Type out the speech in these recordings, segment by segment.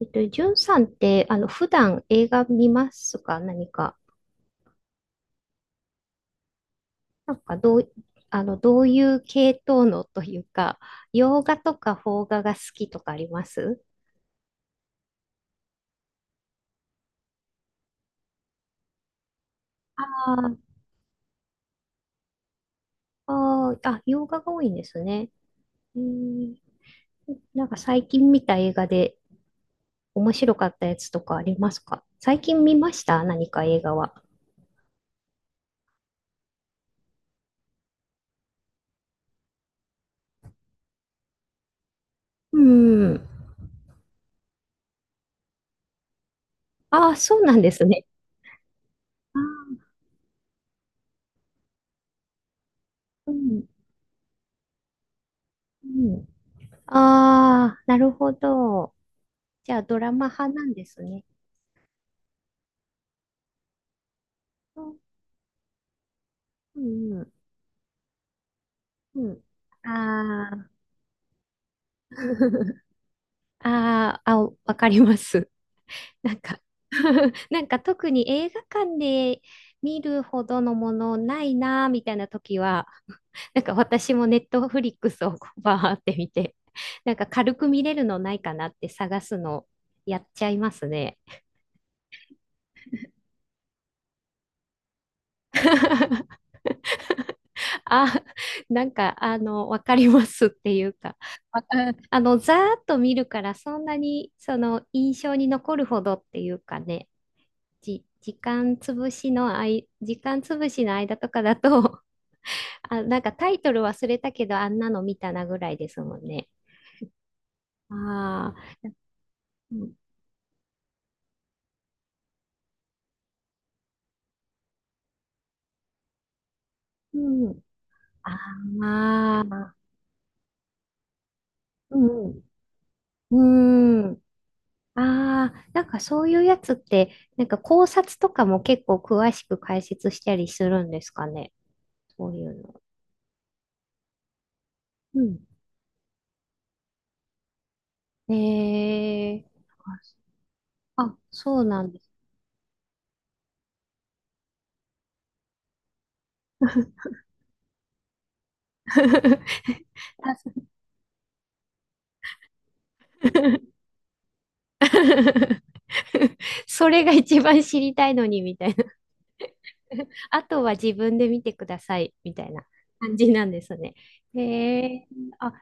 じゅんさんって、普段映画見ますか、何か。なんか、どう、どういう系統のというか、洋画とか邦画が好きとかあります。あああ、洋画が多いんですね。うん、なんか最近見た映画で面白かったやつとかありますか。最近見ました、何か映画は。うん。ああ、そうなんですね。ああ、うん、うん。ああ、なるほど。じゃあ、ドラマ派なんですね。うん、うん、うん。ああ、あーあ、わかります。なんか なんか特に映画館で見るほどのものないなーみたいな時は、なんか私もネットフリックスをこうバーって見て、なんか軽く見れるのないかなって探すのやっちゃいますね。あ、なんか、わかりますっていうか、わかあの、ざーっと見るから、そんなに、その、印象に残るほどっていうかね、時間潰しの間とかだと、あ、なんかタイトル忘れたけど、あんなの見たなぐらいですもんね。ああ、うん、うん。ああ、うん、うん、ああ、なんかそういうやつって、なんか考察とかも結構詳しく解説したりするんですかね、そういうの。うん。ええ、あそうなんです。あそう。 それが一番知りたいのに、みたいな。あとは自分で見てください、みたいな感じなんですね。へえ、あ、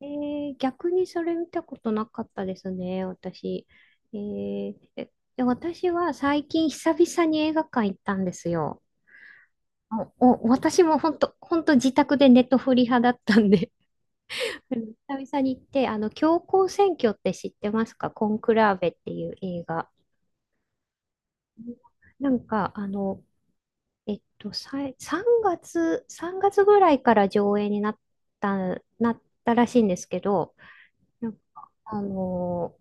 逆にそれ見たことなかったですね、私。で私は最近久々に映画館行ったんですよ。お、私も本当本当自宅でネットフリ派だったんで、 うん、久々に行って、教皇選挙って知ってますか、コンクラーベっていう映画。なんか、あの、3月、3月ぐらいから上映にた、なったらしいんですけど、なんか、あの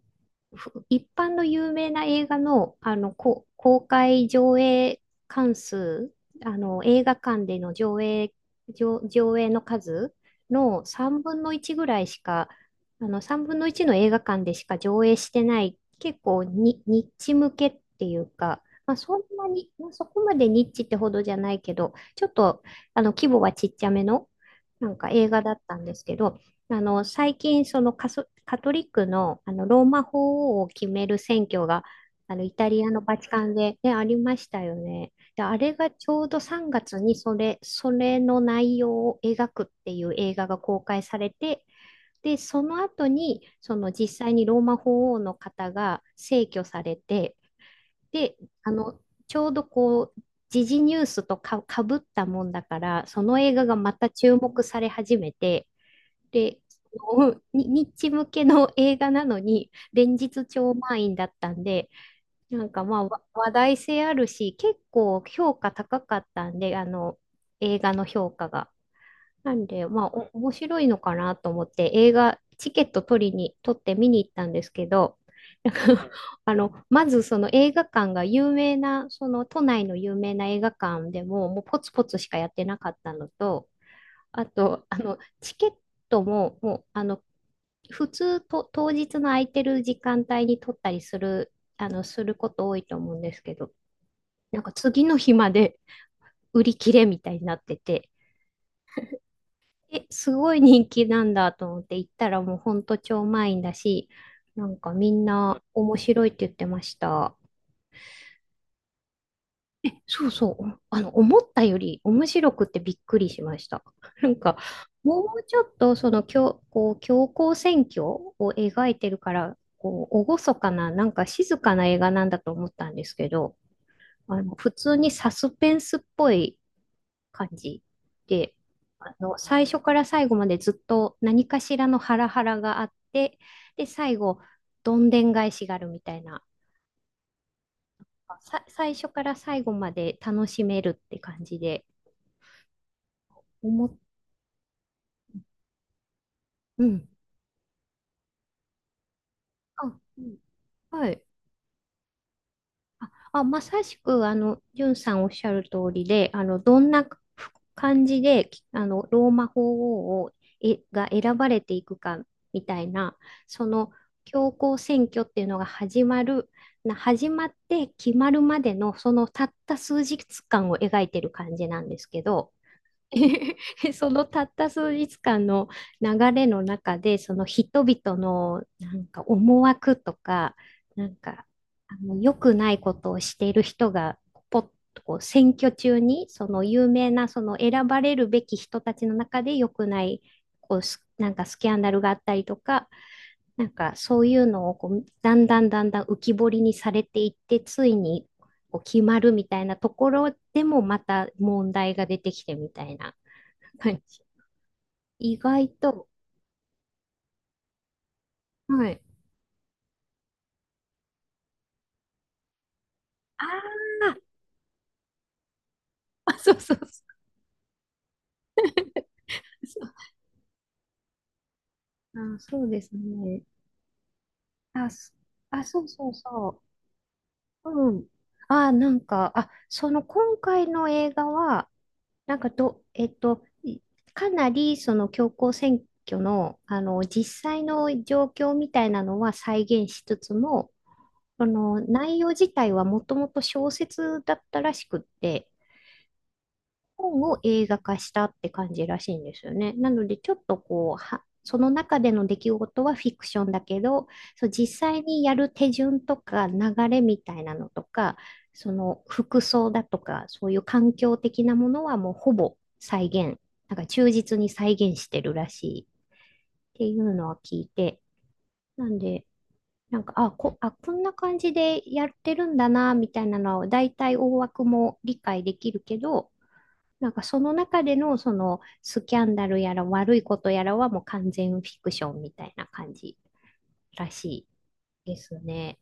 ふ一般の有名な映画の、公開上映関数、映画館での上映、上映の数の3分の1ぐらいしか、3分の1の映画館でしか上映してない、結構に、ニッチ向けっていうか、まあ、そんなに、まあ、そこまでニッチってほどじゃないけど、ちょっと、規模はちっちゃめの、なんか映画だったんですけど、最近、カトリックの、ローマ法王を決める選挙が、イタリアのバチカンで、ね、ありましたよね。で、あれがちょうど3月にそれの内容を描くっていう映画が公開されて、で、その後に、その実際にローマ法王の方が逝去されて、で、あの、ちょうどこう、時事ニュースとか、かぶったもんだから、その映画がまた注目され始めて、で、そのニッチ向けの映画なのに、連日超満員だったんで、なんか、まあ、話題性あるし、結構評価高かったんで、映画の評価が。なんで、まあ、面白いのかなと思って、映画、チケット取りに、取って見に行ったんですけど、なんか まずその映画館が有名な、その都内の有名な映画館でも、もうポツポツしかやってなかったのと、あと、チケットも、もう、普通と、当日の空いてる時間帯に取ったりする、すること多いと思うんですけど、なんか次の日まで売り切れみたいになってて、え、すごい人気なんだと思って行ったらもうほんと超満員だし、なんかみんな面白いって言ってました。そうそう。思ったより面白くてびっくりしました。なんか、もうちょっとその、こう、強行選挙を描いてるから、こう、厳かな、なんか静かな映画なんだと思ったんですけど、普通にサスペンスっぽい感じで、最初から最後までずっと何かしらのハラハラがあって、で、最後、どんでん返しがあるみたいな、最初から最後まで楽しめるって感じで、思っ。うん。あ、うん、はい。あ、あまさしく、ジュンさんおっしゃる通りで、どんな感じで、きあの、ローマ法王を、が選ばれていくか、みたいな、その、教皇選挙っていうのが始まる、始まって決まるまでの、そのたった数日間を描いてる感じなんですけど、そのたった数日間の流れの中で、その人々のなんか思惑とか、なんか良くないことをしている人が、ポッとこう選挙中に、その有名なその選ばれるべき人たちの中で良くない、こうスなんかスキャンダルがあったりとか、なんかそういうのをこうだんだんだんだん浮き彫りにされていって、ついにこう決まるみたいなところでもまた問題が出てきてみたいな。はい。意外と。はい。あーそうそうそう。そうあ、そうですね。あ、そそうそうそう。うん。あ、なんか、あ、その今回の映画は、なんかど、えっと、いかなりその教皇選挙の、実際の状況みたいなのは再現しつつも、その内容自体はもともと小説だったらしくって、本を映画化したって感じらしいんですよね。なので、ちょっとこう、その中での出来事はフィクションだけど、そう、実際にやる手順とか流れみたいなのとか、その服装だとか、そういう環境的なものはもうほぼ再現、なんか忠実に再現してるらしいっていうのは聞いて、なんで、なんか、こんな感じでやってるんだな、みたいなのは、大体大枠も理解できるけど、なんかその中でのそのスキャンダルやら悪いことやらはもう完全フィクションみたいな感じらしいですね。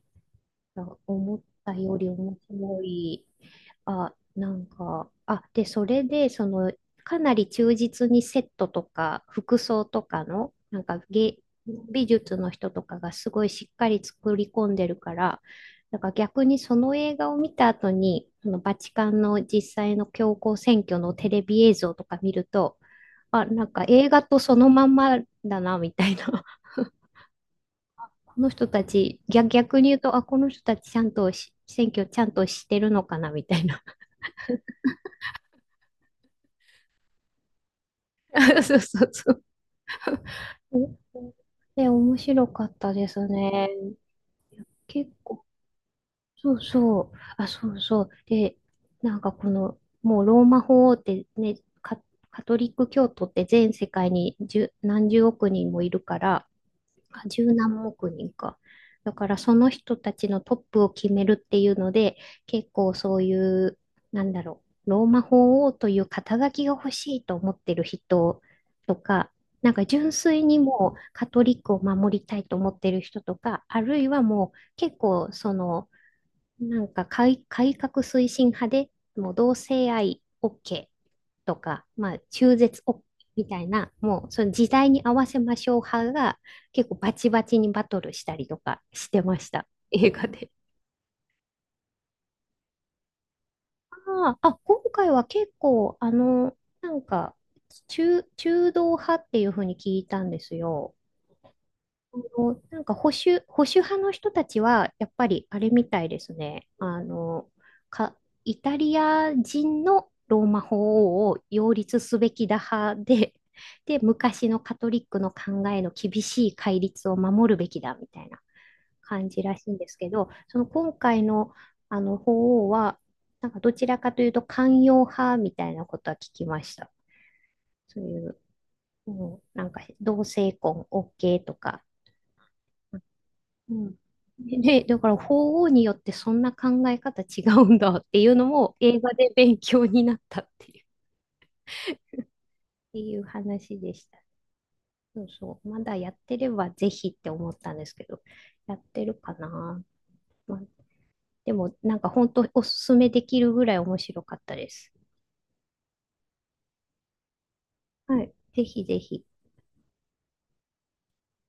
思ったより面白い。で、それで、その、かなり忠実にセットとか、服装とかの、なんか美術の人とかがすごいしっかり作り込んでるから、なんから逆にその映画を見た後に、そのバチカンの実際の教皇選挙のテレビ映像とか見ると、あ、なんか映画とそのまんまだな、みたいな、この人たち、逆に言うと、あ、この人たちちゃんとし選挙ちゃんとしてるのかなみたいな。そうそうそう。で、面白かったですね。結構。そうそう。あ、そうそう。で、なんかこの、もうローマ法王ってね、カ、カトリック教徒って全世界に何十億人もいるから、あ、十何億人か。だからその人たちのトップを決めるっていうので、結構そういう、なんだろう、ローマ法王という肩書きが欲しいと思ってる人とか、なんか純粋にもうカトリックを守りたいと思ってる人とか、あるいはもう結構その、なんか改革推進派で、もう同性愛 OK とか、まあ、中絶 OK みたいな、もうその時代に合わせましょう派が結構バチバチにバトルしたりとかしてました、映画で。今回は結構、なんか中道派っていうふうに聞いたんですよ。あの、なんか保守派の人たちは、やっぱりあれみたいですね。か、イタリア人のローマ法王を擁立すべきだ派で、で、昔のカトリックの考えの厳しい戒律を守るべきだみたいな感じらしいんですけど、その今回の、法王は、なんかどちらかというと寛容派みたいなことは聞きました。そういう、うん、なんか同性婚 OK とか。うん。で、だから法王によってそんな考え方違うんだっていうのも映画で勉強になったっていう、っていう話でした。そうそう。まだやってればぜひって思ったんですけど、やってるかな。まあ、でもなんか本当おすすめできるぐらい面白かったです。はい。ぜひぜひ。